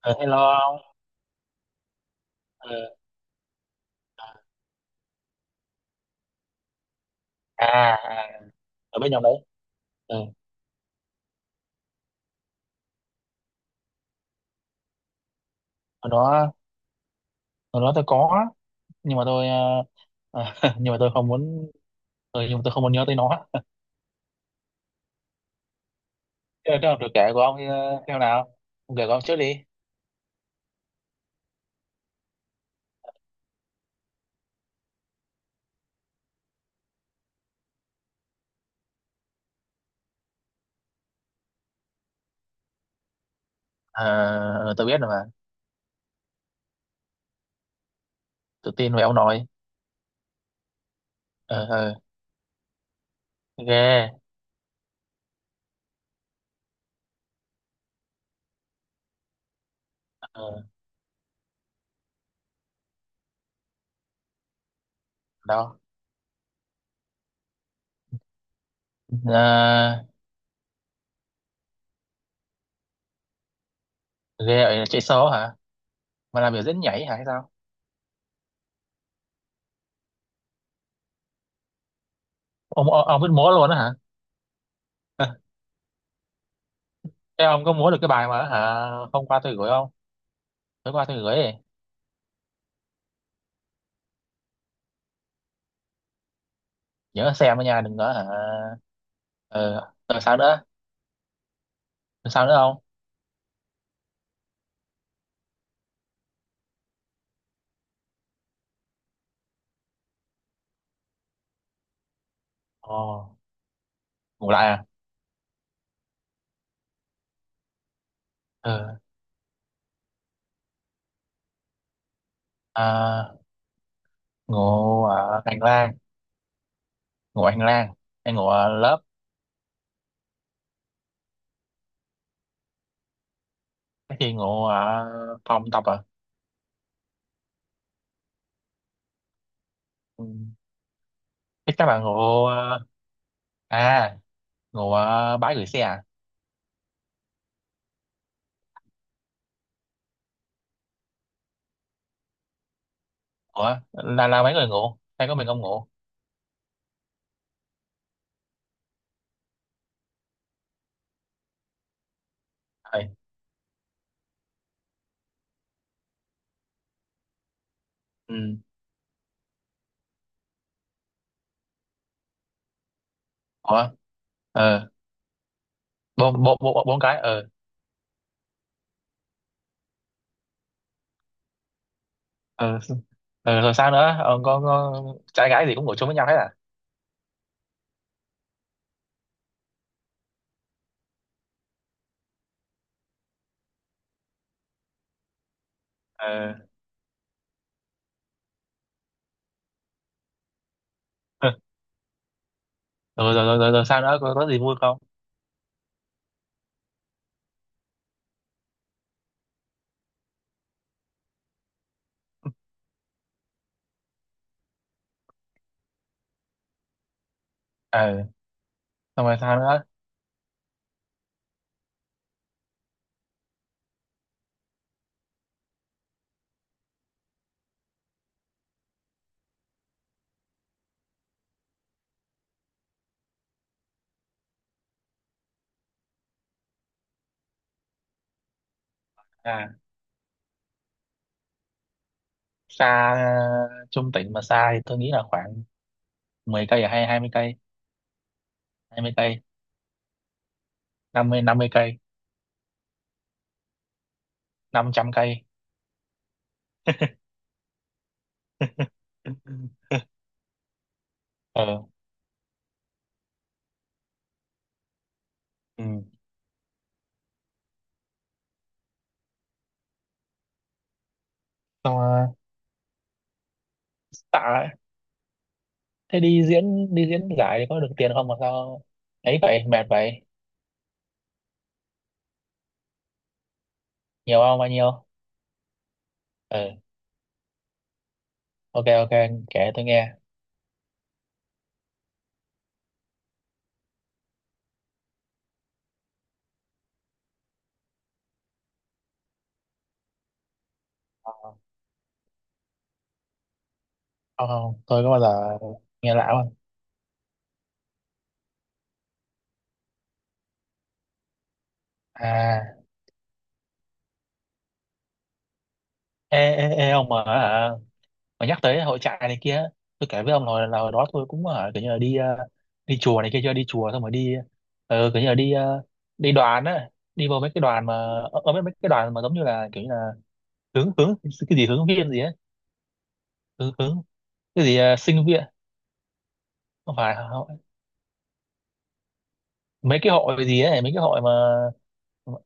Ờ, Hello ông. Ờ, à, ở bên nhóm đấy. Ừ. hồi đó hồi đó tôi có, nhưng mà tôi nhưng mà tôi không muốn. Ừ, nhưng mà tôi không muốn nhớ tới nó. Thế thế là được, kể của ông theo nào, ông kể của ông trước đi. Ờ, tôi biết rồi mà. Tự tin về ông nội. Ờ ờ. Ghê. Ờ. Đâu. À, ghê ở chạy số hả? Mà làm biểu diễn nhảy hả hay sao? Ông biết múa luôn đó hả? Ờ, thế ông có múa được cái bài mà hả hôm qua tôi gửi không? Tối qua tôi gửi. Nhớ xem đó nha, đừng có hả. Ờ ờ, sao nữa? Còn sao nữa không? Ồ. Ngủ lại à? Ờ. À, ngủ ở hành lang. Ngủ hành lang. Hay ngủ ở lớp? Cái thì ngủ ở phòng tập à? Ừ. Thế các bạn ngủ à, ngủ ở bãi gửi xe à? Ủa là mấy người ngủ hay có mình không ngủ? Ờ. Ừ. Ủa. Ờ. bốn bốn bốn bốn cái ờ. Ờ. Ờ rồi sao nữa ờ, có trai gái gì cũng ngủ chung với nhau hết à? Ờ. rồi rồi rồi rồi, rồi sau đó có gì vui không? Ờ xong rồi sao nữa? À xa. Ờ, trung tỉnh mà xa thì tôi nghĩ là khoảng 10 cây, à hay 20 cây. Hai mươi cây. Năm mươi cây. Năm trăm cây. Ờ. Ừ. Xong rồi. Tạ. Thế đi diễn giải thì có được tiền không mà sao ấy vậy mệt vậy? Nhiều không, bao nhiêu? Ừ. Ok ok, kể tôi nghe. Ờ, không không, tôi có bao giờ nghe lão không. À ê ê ê ông mà hả? Mà nhắc tới hội trại này kia, tôi kể với ông rồi là hồi đó tôi cũng ở kiểu như là đi đi chùa này kia, chưa đi chùa xong rồi đi kiểu như là đi đi đoàn á, đi vào mấy cái đoàn mà ở ở mấy mấy cái đoàn mà giống như là kiểu như là hướng hướng cái gì, hướng viên gì ấy. Hướng hướng cái gì, ờ sinh viên. Không phải không-. Mấy cái hội gì ấy, mấy cái hội mà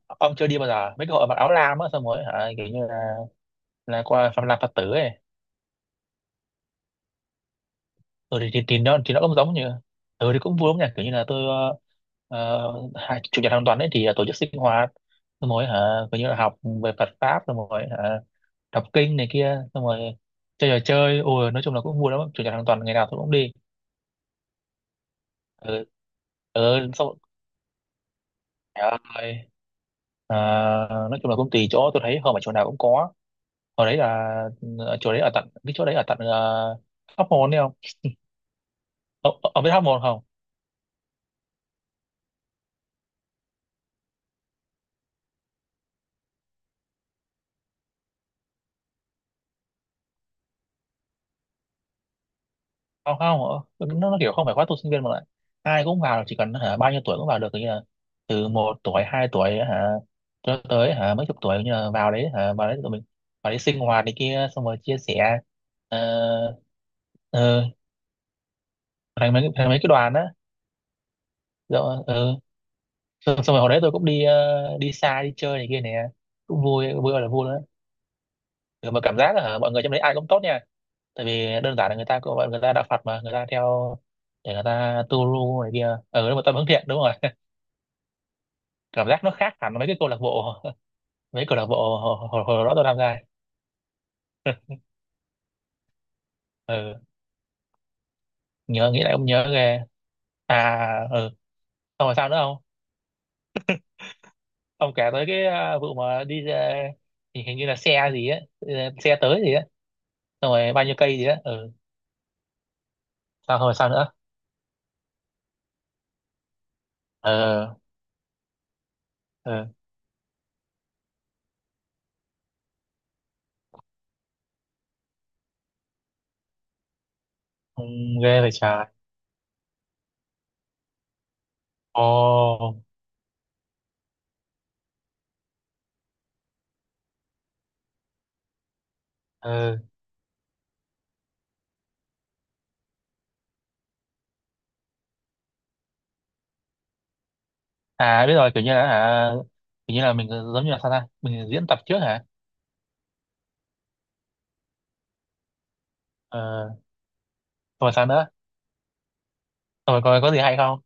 ông chưa đi bao giờ, mấy cái hội mặc áo lam á, xong rồi hả kiểu như là qua làm phật tử ấy. Ừ thì nó nó cũng giống như ừ thì cũng vui lắm nhỉ, kiểu như là tôi ờ, hai chủ nhật hàng tuần ấy thì tổ chức sinh hoạt xong rồi hả, kiểu như là học về Phật pháp xong rồi hả, đọc kinh này kia, xong rồi chơi trò chơi, ôi nói chung là cũng vui lắm, chủ nhật hàng tuần ngày nào tôi cũng đi. Ừ. Ừ xong rồi. Ờ, nói chung là cũng tùy chỗ, tôi thấy không phải chỗ nào cũng có. Hồi đấy là chỗ đấy ở tận, cái chỗ đấy ở tận Hóc Môn đấy không. Ông biết Hóc Môn không? Không không. Ờ, nó kiểu không phải khóa tu sinh viên mà lại ai cũng vào, chỉ cần hả bao nhiêu tuổi cũng vào được, kiểu như là từ một tuổi hai tuổi hả, cho tới hả mấy chục tuổi như là vào đấy hả, vào đấy tụi mình vào đấy sinh hoạt này kia xong rồi chia sẻ. Ờ. Ờ, thành mấy cái đoàn á. Rồi ờ, xong rồi hồi đấy tôi cũng đi đi xa đi chơi này kia nè, cũng vui vui ơi là vui nữa. Ừ, mà cảm giác là hả, mọi người trong đấy ai cũng tốt nha. Tại vì đơn giản là người ta cũng, người ta đạo Phật mà người ta theo, để người ta tu lu này kia. Ừ, đúng rồi, tâm hướng thiện đúng rồi. Cảm giác nó khác hẳn mấy cái câu lạc bộ. Mấy câu lạc bộ hồi đó tôi tham gia. Ừ. Nhớ nghĩ lại, ông nhớ ghê. À ừ. Xong rồi sao nữa không? Ông kể tới cái à, vụ mà đi ra-, thì hình như là xe gì á ờ, xe tới gì á, xong rồi bao nhiêu cây gì á. Ừ sao rồi sao nữa? Ờ. Ừ. Ừ. Ghê vậy trời. Ồ. Ừ. À biết rồi, kiểu như là à, kiểu như là mình giống như là sao ta, mình diễn tập trước hả. Ờ xong rồi sao nữa, xong rồi coi có gì hay không.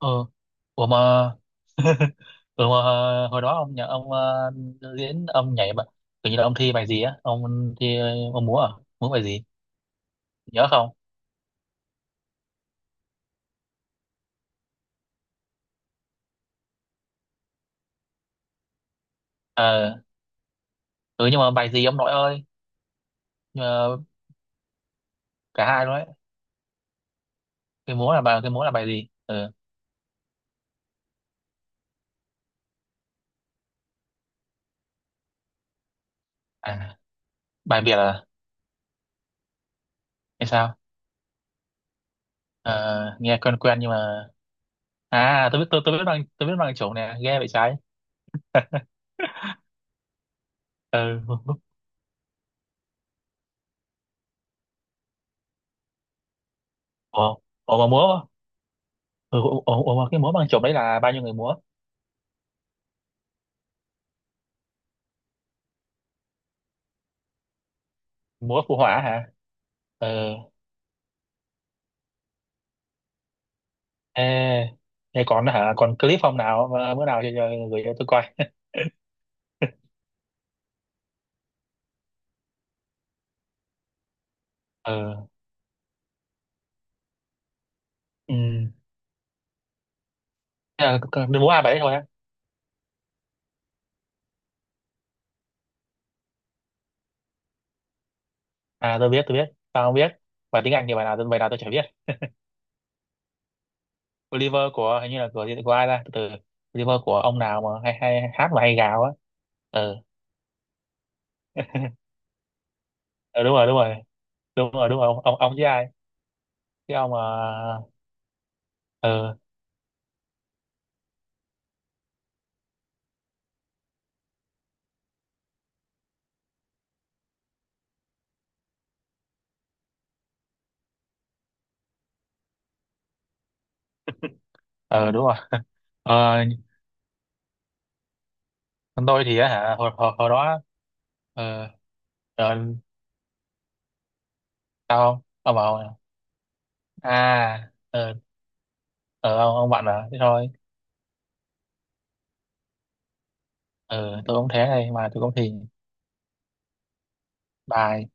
Ừ. Ủa mà. Ừ, mà hồi hồi đó ông nhà ông diễn ông nhảy bạn, kiểu như là ông thi ông múa à, múa bài gì, nhớ không? Ờ. Ừ nhưng mà bài gì ông nội ơi, nhưng mà cả hai luôn đấy. Cái múa là bài, cái múa là bài gì. Ừ. À bài Việt à, hay sao. Ờ, nghe quen quen nhưng mà à tôi biết, tôi biết bằng, tôi biết bằng chủng nè, ghê vậy trái. Ừ. Ủa. Ủa mà múa. Ủa mà cái múa bằng chủng đấy là bao nhiêu người múa? Múa phụ họa hả. Ừ. Ê, thế còn hả, còn clip hôm nào ờ, bữa nào cho gửi cho tôi coi. Ừ. Ừ. Thế là đừng muốn ai bài đấy thôi á. À tôi biết tôi biết. Tao không biết. Bài tiếng Anh thì bài nào tôi, bài nào tôi chả biết. Oliver của hình như là của ai ra. Từ từ. Oliver của ông nào mà hay hay hát mà hay gào á. Ừ. Ừ đúng rồi đúng rồi. Đúng rồi đúng rồi. Ông với ai? Cái ông mà. Ừ. Ừ đúng rồi. Ờ, còn tôi thì á hả hồi đó ờ. Rồi tao ông bảo à. Ờ ờ, ông bạn à thế thôi. Ờ tôi cũng thế này mà tôi cũng thì bà.